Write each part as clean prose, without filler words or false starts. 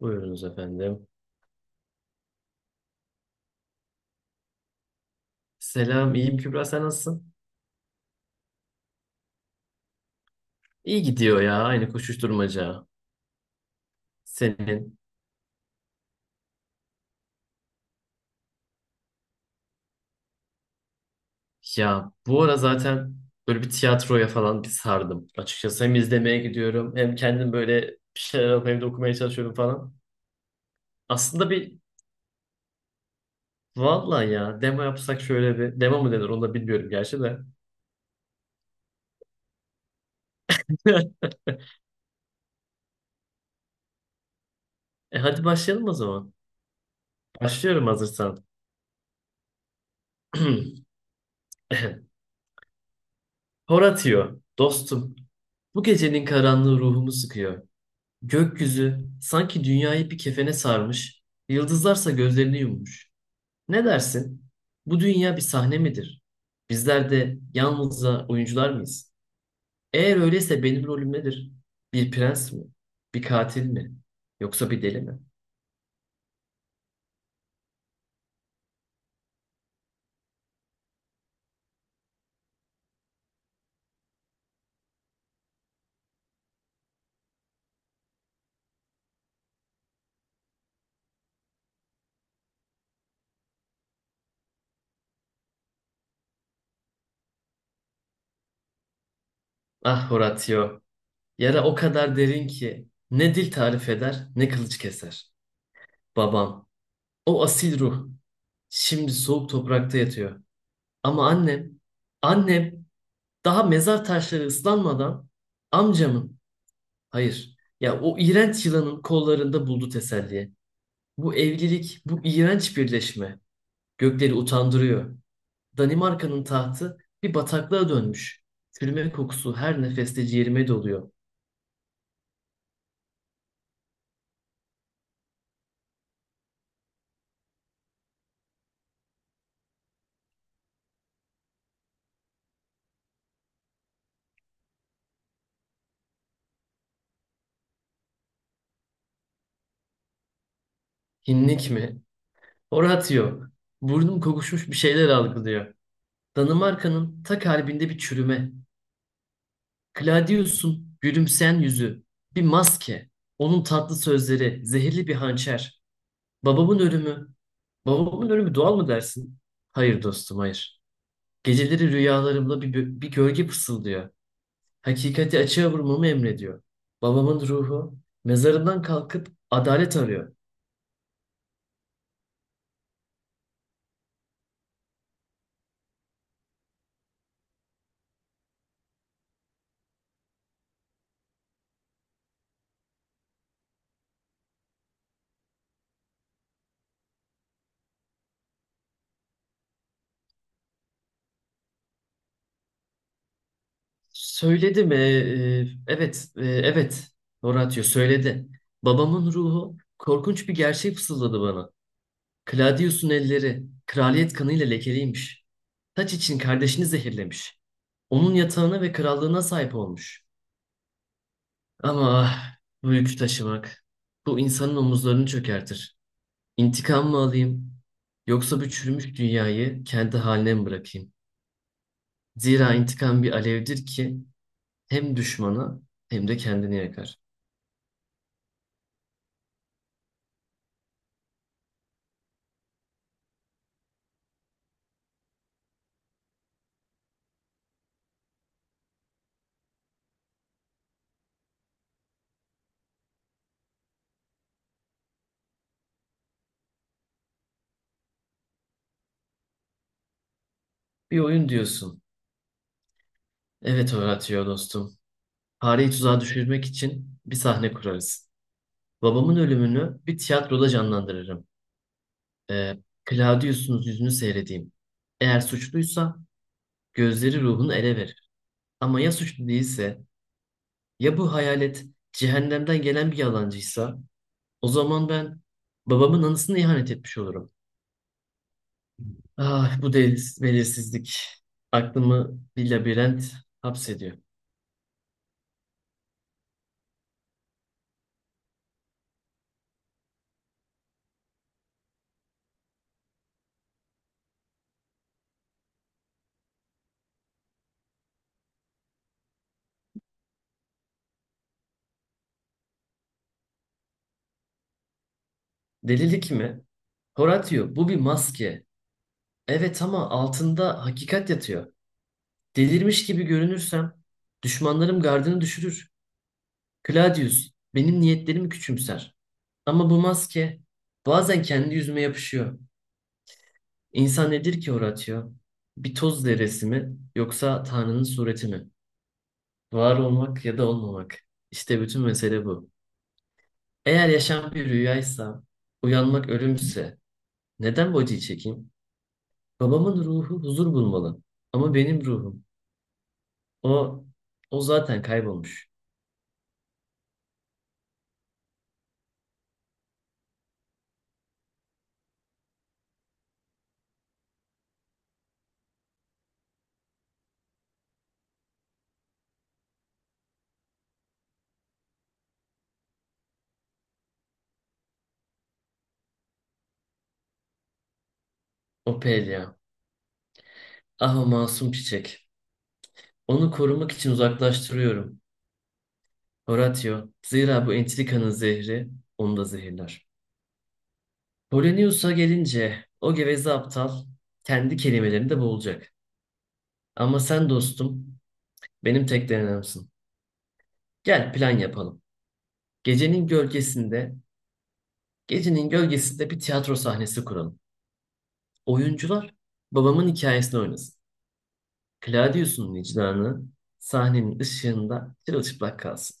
Buyurunuz efendim. Selam, iyiyim Kübra, sen nasılsın? İyi gidiyor ya, aynı koşuşturmaca. Senin. Ya bu ara zaten böyle bir tiyatroya falan bir sardım. Açıkçası hem izlemeye gidiyorum hem kendim böyle bir şeyler alıp evde okumaya çalışıyorum falan. Aslında bir vallahi ya demo yapsak şöyle bir demo mu denir onu da bilmiyorum gerçi de. Hadi başlayalım o zaman. Başlıyorum hazırsan. Horatio, dostum. Bu gecenin karanlığı ruhumu sıkıyor. Gökyüzü sanki dünyayı bir kefene sarmış, yıldızlarsa gözlerini yummuş. Ne dersin? Bu dünya bir sahne midir? Bizler de yalnızca oyuncular mıyız? Eğer öyleyse benim rolüm nedir? Bir prens mi? Bir katil mi? Yoksa bir deli mi? Ah Horatio, yara o kadar derin ki ne dil tarif eder ne kılıç keser. Babam, o asil ruh şimdi soğuk toprakta yatıyor. Ama annem, annem daha mezar taşları ıslanmadan amcamın, hayır, ya o iğrenç yılanın kollarında buldu teselli. Bu evlilik, bu iğrenç birleşme gökleri utandırıyor. Danimarka'nın tahtı bir bataklığa dönmüş. Çürüme kokusu her nefeste ciğerime doluyor. Hinlik mi? Horatio. Burnum kokuşmuş bir şeyler algılıyor. Danimarka'nın ta kalbinde bir çürüme. Claudius'un gülümseyen yüzü. Bir maske. Onun tatlı sözleri, zehirli bir hançer. Babamın ölümü. Babamın ölümü doğal mı dersin? Hayır dostum, hayır. Geceleri rüyalarımda bir gölge fısıldıyor. Hakikati açığa vurmamı emrediyor. Babamın ruhu mezarından kalkıp adalet arıyor. Söyledi mi? Evet, evet. Horatio söyledi. Babamın ruhu korkunç bir gerçeği fısıldadı bana. Claudius'un elleri kraliyet kanıyla lekeliymiş. Taç için kardeşini zehirlemiş. Onun yatağına ve krallığına sahip olmuş. Ama ah, bu yükü taşımak. Bu insanın omuzlarını çökertir. İntikam mı alayım? Yoksa bu çürümüş dünyayı kendi haline mi bırakayım? Zira intikam bir alevdir ki hem düşmana hem de kendini yakar. Bir oyun diyorsun. Evet Horatio dostum. Fareyi tuzağa düşürmek için bir sahne kurarız. Babamın ölümünü bir tiyatroda canlandırırım. Ee, Claudius'un yüzünü seyredeyim. Eğer suçluysa gözleri ruhunu ele verir. Ama ya suçlu değilse, ya bu hayalet cehennemden gelen bir yalancıysa o zaman ben babamın anısına ihanet etmiş olurum. Ah bu deliz, belirsizlik aklımı bir labirent hapsediyor. Delilik mi? Horatio bu bir maske. Evet ama altında hakikat yatıyor. Delirmiş gibi görünürsem düşmanlarım gardını düşürür. Claudius benim niyetlerimi küçümser. Ama bu maske bazen kendi yüzüme yapışıyor. İnsan nedir ki Horatio? Bir toz zerresi mi yoksa Tanrı'nın sureti mi? Var olmak ya da olmamak. İşte bütün mesele bu. Eğer yaşam bir rüyaysa, uyanmak ölümse, neden bu acıyı çekeyim? Babamın ruhu huzur bulmalı. Ama benim ruhum, o, o zaten kaybolmuş. O Ophelia, ah o masum çiçek. Onu korumak için uzaklaştırıyorum. Horatio, zira bu entrikanın zehri onu da zehirler. Polonius'a gelince o geveze aptal kendi kelimelerinde boğulacak. Ama sen dostum benim tek denememsin. Gel plan yapalım. Gecenin gölgesinde, gecenin gölgesinde bir tiyatro sahnesi kuralım. Oyuncular babamın hikayesini oynasın. Claudius'un vicdanı sahnenin ışığında çırılçıplak kalsın.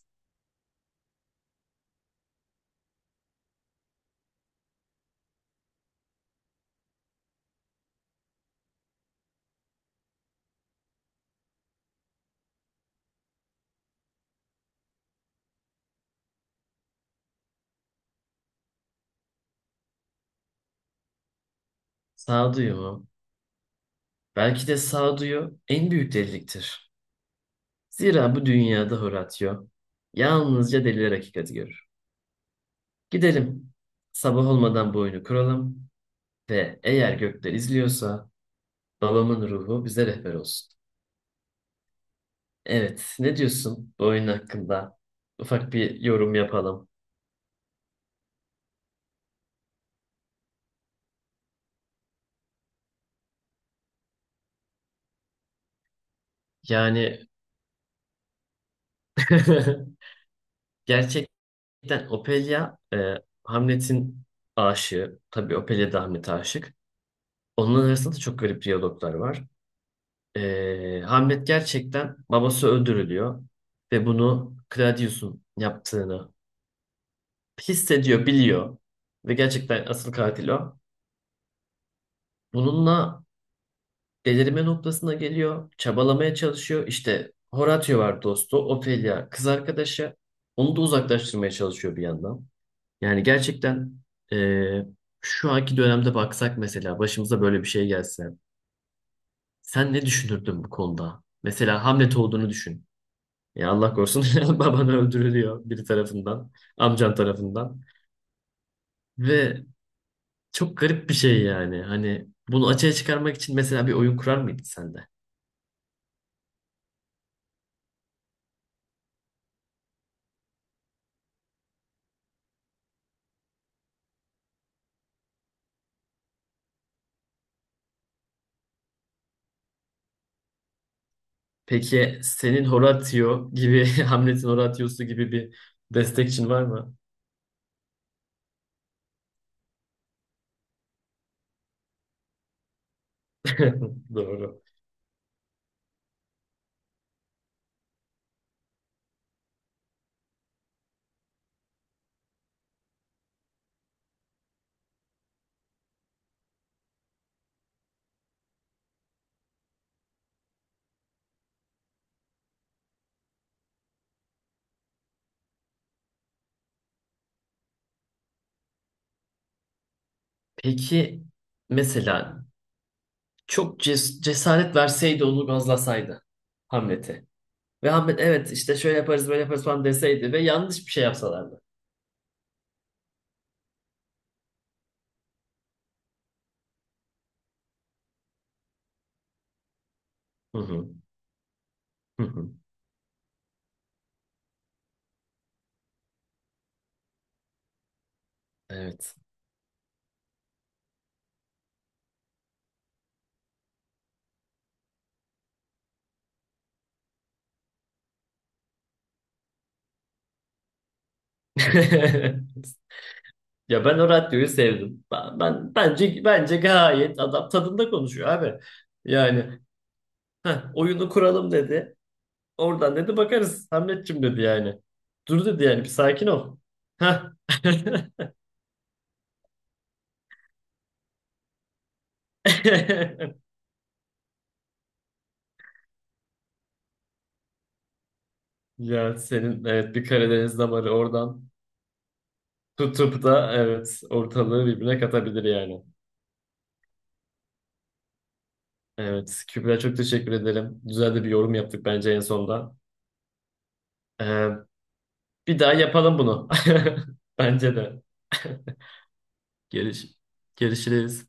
Sağduyu mu? Belki de sağduyu en büyük deliliktir. Zira bu dünyada Horatio yalnızca deliler hakikati görür. Gidelim. Sabah olmadan bu oyunu kuralım ve eğer gökler izliyorsa babamın ruhu bize rehber olsun. Evet, ne diyorsun bu oyun hakkında? Ufak bir yorum yapalım. Yani gerçekten Ophelia Hamlet'in aşığı. Tabii Ophelia da Hamlet'e aşık. Onların arasında da çok garip diyaloglar var. Hamlet gerçekten babası öldürülüyor ve bunu Claudius'un yaptığını hissediyor, biliyor ve gerçekten asıl katil o. Bununla delirme noktasına geliyor, çabalamaya çalışıyor. İşte Horatio var dostu, Ophelia kız arkadaşı. Onu da uzaklaştırmaya çalışıyor bir yandan. Yani gerçekten eee, şu anki dönemde baksak mesela başımıza böyle bir şey gelse. Sen ne düşünürdün bu konuda? Mesela Hamlet olduğunu düşün. Ya Allah korusun baban öldürülüyor biri tarafından, amcan tarafından. Ve çok garip bir şey yani. Hani bunu açığa çıkarmak için mesela bir oyun kurar mıydın sen de? Peki senin Horatio gibi, Hamlet'in Horatio'su gibi bir destekçin var mı? Doğru. Peki mesela çok cesaret verseydi, onu gazlasaydı Hamlet'e ve Hamlet evet işte şöyle yaparız böyle yaparız falan deseydi ve yanlış bir şey yapsalardı. Hı hı. Hı hı. Evet. Ya ben o radyoyu sevdim. Bence gayet adam tadında konuşuyor abi. Yani "Heh, oyunu kuralım dedi. Oradan dedi bakarız Hamletçim dedi yani. Dur dedi yani bir sakin ol. Heh. Ya senin evet bir Karadeniz damarı oradan tutup da evet ortalığı birbirine katabilir yani. Evet Kübra çok teşekkür ederim. Güzel de bir yorum yaptık bence en sonda. Ee, Bir daha yapalım bunu. Bence de. Görüş, görüşürüz.